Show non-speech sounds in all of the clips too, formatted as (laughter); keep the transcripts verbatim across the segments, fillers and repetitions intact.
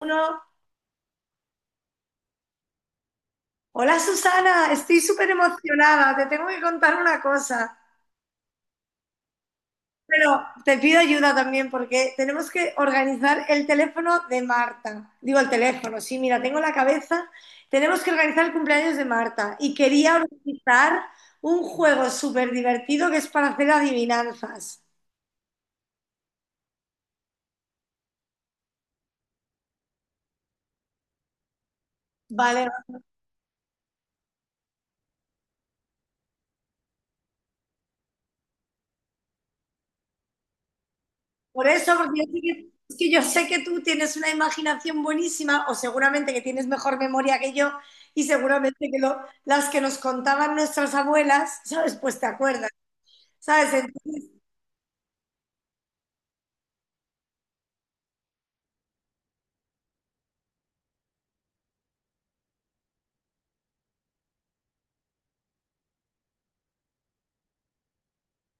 Uno, hola Susana, estoy súper emocionada, te tengo que contar una cosa, pero te pido ayuda también porque tenemos que organizar el teléfono de Marta. Digo el teléfono, sí, mira, tengo la cabeza. Tenemos que organizar el cumpleaños de Marta y quería organizar un juego súper divertido que es para hacer adivinanzas. Vale. Por eso, porque yo sé que, es que yo sé que tú tienes una imaginación buenísima o seguramente que tienes mejor memoria que yo y seguramente que lo- las que nos contaban nuestras abuelas, ¿sabes? Pues te acuerdas, ¿sabes? Entonces,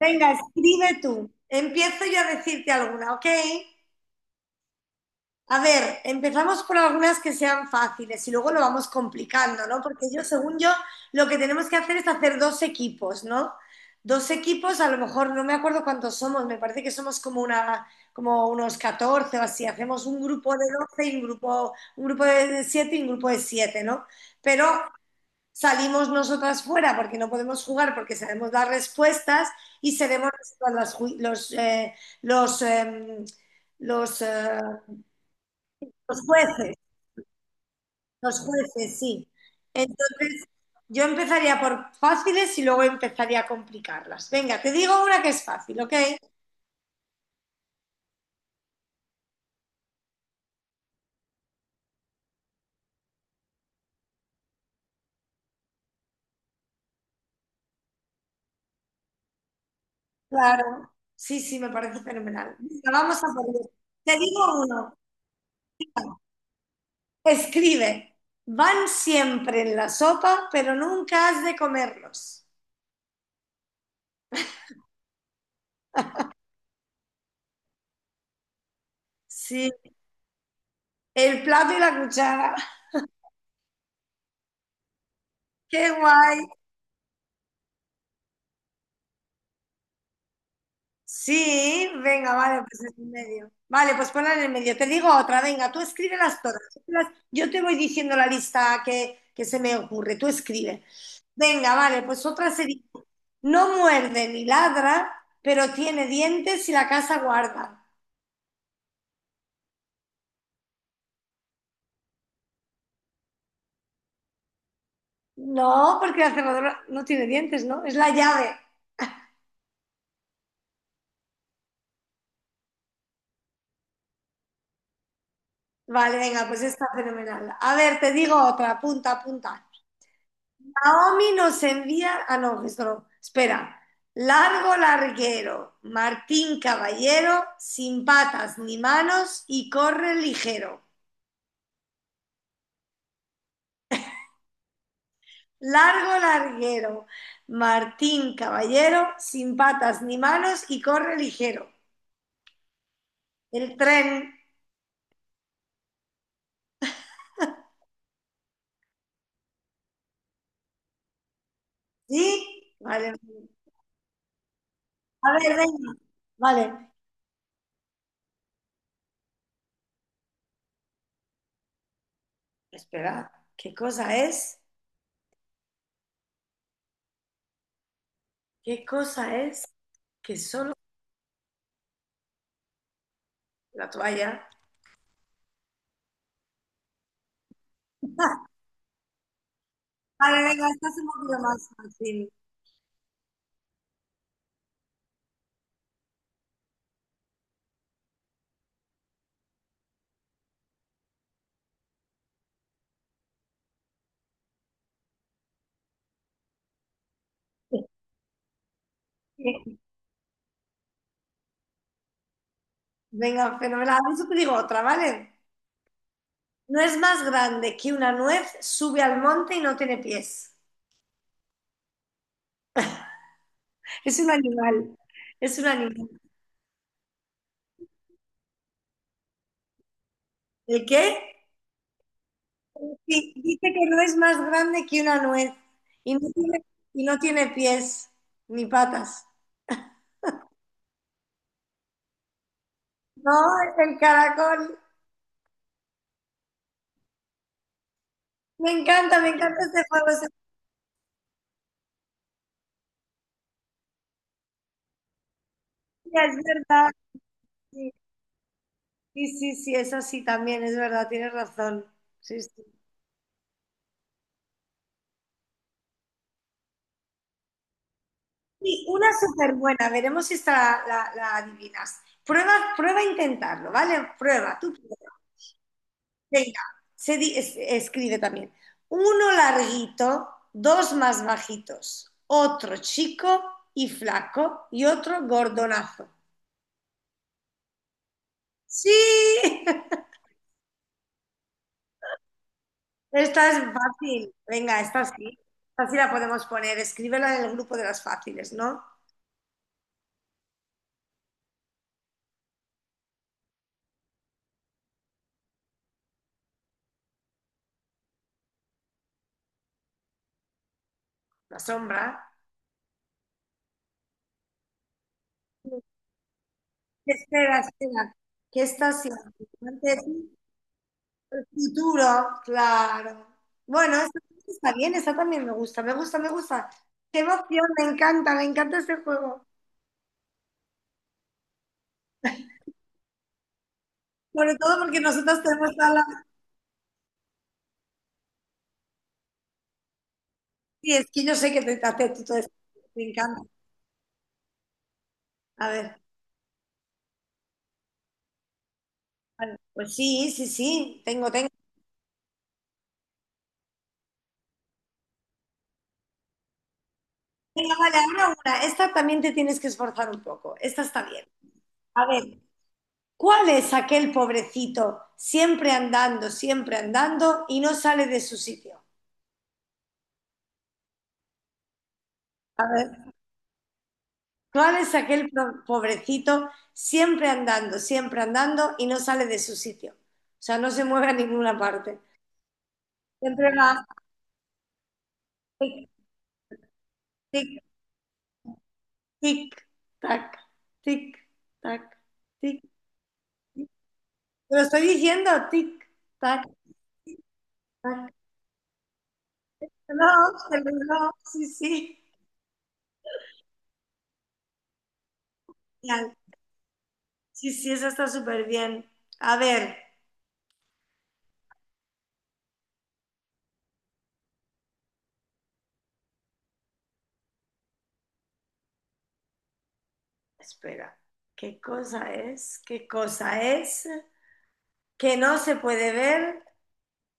venga, escribe tú. Empiezo yo a decirte alguna, ¿ok? A ver, empezamos por algunas que sean fáciles y luego lo vamos complicando, ¿no? Porque yo, según yo, lo que tenemos que hacer es hacer dos equipos, ¿no? Dos equipos, a lo mejor no me acuerdo cuántos somos, me parece que somos como una, como unos catorce o así. Hacemos un grupo de doce y un grupo, un grupo de siete y un grupo de siete, ¿no? Pero salimos nosotras fuera porque no podemos jugar, porque sabemos dar respuestas y seremos nosotras las ju- los, eh, los, em, los, eh, los jueces. Los jueces, sí. Entonces, yo empezaría por fáciles y luego empezaría a complicarlas. Venga, te digo una que es fácil, ¿ok? Claro. Sí, sí, me parece fenomenal. Venga, vamos a por ello. Te digo uno. Escribe. Van siempre en la sopa, pero nunca has de comerlos. Sí, el plato y la cuchara. (laughs) ¡Qué guay! Sí, venga, vale, pues en el medio. Vale, pues ponla en el medio. Te digo otra, venga, tú escríbelas todas. Escríbelas. Yo te voy diciendo la lista que, que se me ocurre, tú escribe. Venga, vale, pues otra sería, no muerde ni ladra, pero tiene dientes y la casa guarda. No, porque la cerradura no tiene dientes, ¿no? Es la llave. Vale, venga, pues está fenomenal. A ver, te digo otra, punta, punta. Naomi nos envía, ah no, esto no, espera, largo larguero, Martín Caballero, sin patas ni manos y corre ligero. Largo larguero, Martín Caballero, sin patas ni manos y corre ligero. El tren, ¿sí? Vale. A ver, venga. Vale. Espera, ¿qué cosa es? ¿Qué cosa es que solo la toalla? (laughs) Vale, venga, estás un poquito más, Martín. Sí. Venga, fenomenal. A te digo otra, ¿vale? No es más grande que una nuez, sube al monte y no tiene pies. Es un animal. Es un animal. ¿El qué? Sí, dice que no es más grande que una nuez y no tiene, y no tiene pies ni patas. No, es el caracol. Me encanta, me encanta este juego. Sofía, es verdad. Sí, sí, sí, sí, es así también, es verdad, tienes razón. Sí, sí. Sí, una súper buena, veremos si esta la, la adivinas. Prueba, prueba a intentarlo, ¿vale? Prueba, tú prueba. Venga, se di- es- escribe también. Uno larguito, dos más bajitos, otro chico y flaco y otro gordonazo. Sí, (laughs) esta es fácil. Venga, esta sí. Esta sí la podemos poner. Escríbela en el grupo de las fáciles, ¿no? La sombra. Espera, espera. Que esta sí. El futuro, claro. Bueno, eso está bien, esa también me gusta, me gusta, me gusta. Qué emoción, me encanta, me encanta ese juego. Sobre todo porque nosotros tenemos a la... Sí, es que yo sé que te hace tú todo esto. Me encanta. A ver, vale. Pues sí, sí, sí, tengo, tengo. Venga, vale, ahora una. Esta también te tienes que esforzar un poco. Esta está bien. A ver, ¿cuál es aquel pobrecito siempre andando, siempre andando y no sale de su sitio? A ver. ¿Cuál es aquel pro- pobrecito siempre andando, siempre andando y no sale de su sitio? O sea, no se mueve a ninguna parte. Siempre va tic, tic, tic, tac, tic, tac, tic, tic. Te lo estoy diciendo, tic, tac, tac. No, se me- no, sí, sí. Genial. Sí, sí, eso está súper bien. A ver, espera. ¿Qué cosa es? ¿Qué cosa es? Que no se puede ver.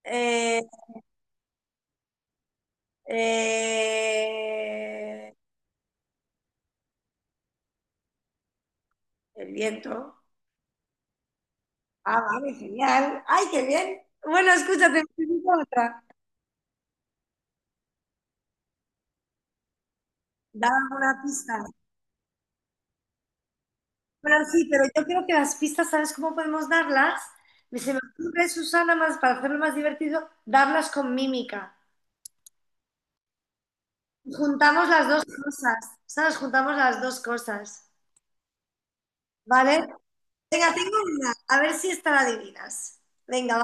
Eh, Eh, el viento. Ah, vale, genial. Ay, qué bien. Bueno, escúchate, necesito otra. Dame una pista. Bueno, sí, pero yo creo que las pistas, ¿sabes cómo podemos darlas? Me se me ocurre, Susana, más para hacerlo más divertido, darlas con mímica. Juntamos las dos cosas. ¿Sabes? Juntamos las dos cosas. ¿Vale? Venga, tengo una. A ver si esta la adivinas. Venga,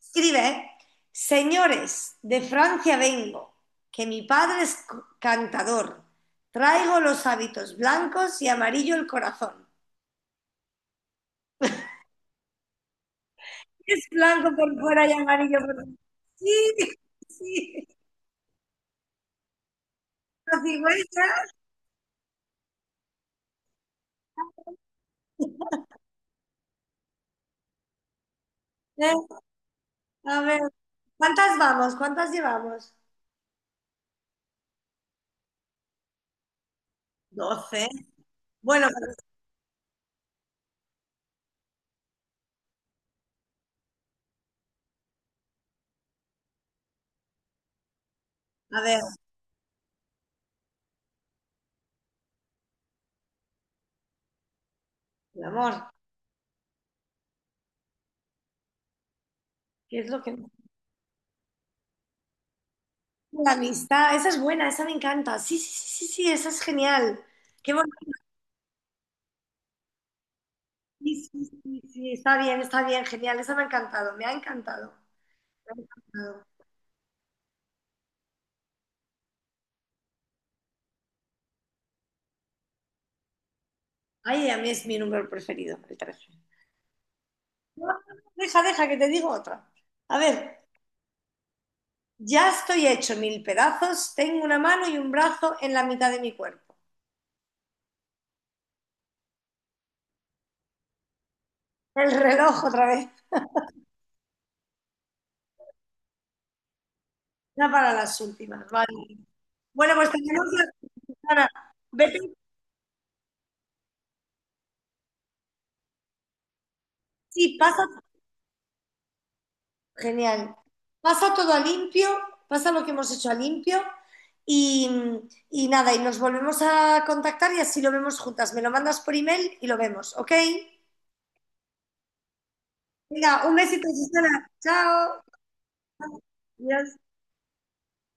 escribe, señores, de Francia vengo, que mi padre es cantador. Traigo los hábitos blancos y amarillo el corazón. Es blanco por fuera y amarillo por dentro. Sí, sí. (laughs) La cigüeña, ¿eh? A ver, ¿cuántas vamos? ¿Cuántas llevamos? Doce. Bueno, a ver, mi amor, ¿qué es lo que... La amistad, esa es buena, esa me encanta. Sí, sí, sí, sí, sí, esa es genial. Qué bonito. Sí, sí, sí, sí, está bien, está bien, genial. Eso me ha encantado, me ha encantado, me ha encantado. Ay, a mí es mi número preferido, el trece. No, no, no, deja, deja, que te digo otra. A ver, ya estoy hecho mil pedazos, tengo una mano y un brazo en la mitad de mi cuerpo. El reloj otra vez, ya para las últimas, vale. Bueno, pues tenemos la... Vete, sí, pasa... Genial. Pasa todo a limpio, pasa lo que hemos hecho a limpio y, y nada, y nos volvemos a contactar y así lo vemos juntas. Me lo mandas por email y lo vemos, ¿ok? Venga, un besito, Susana. Chao. Adiós.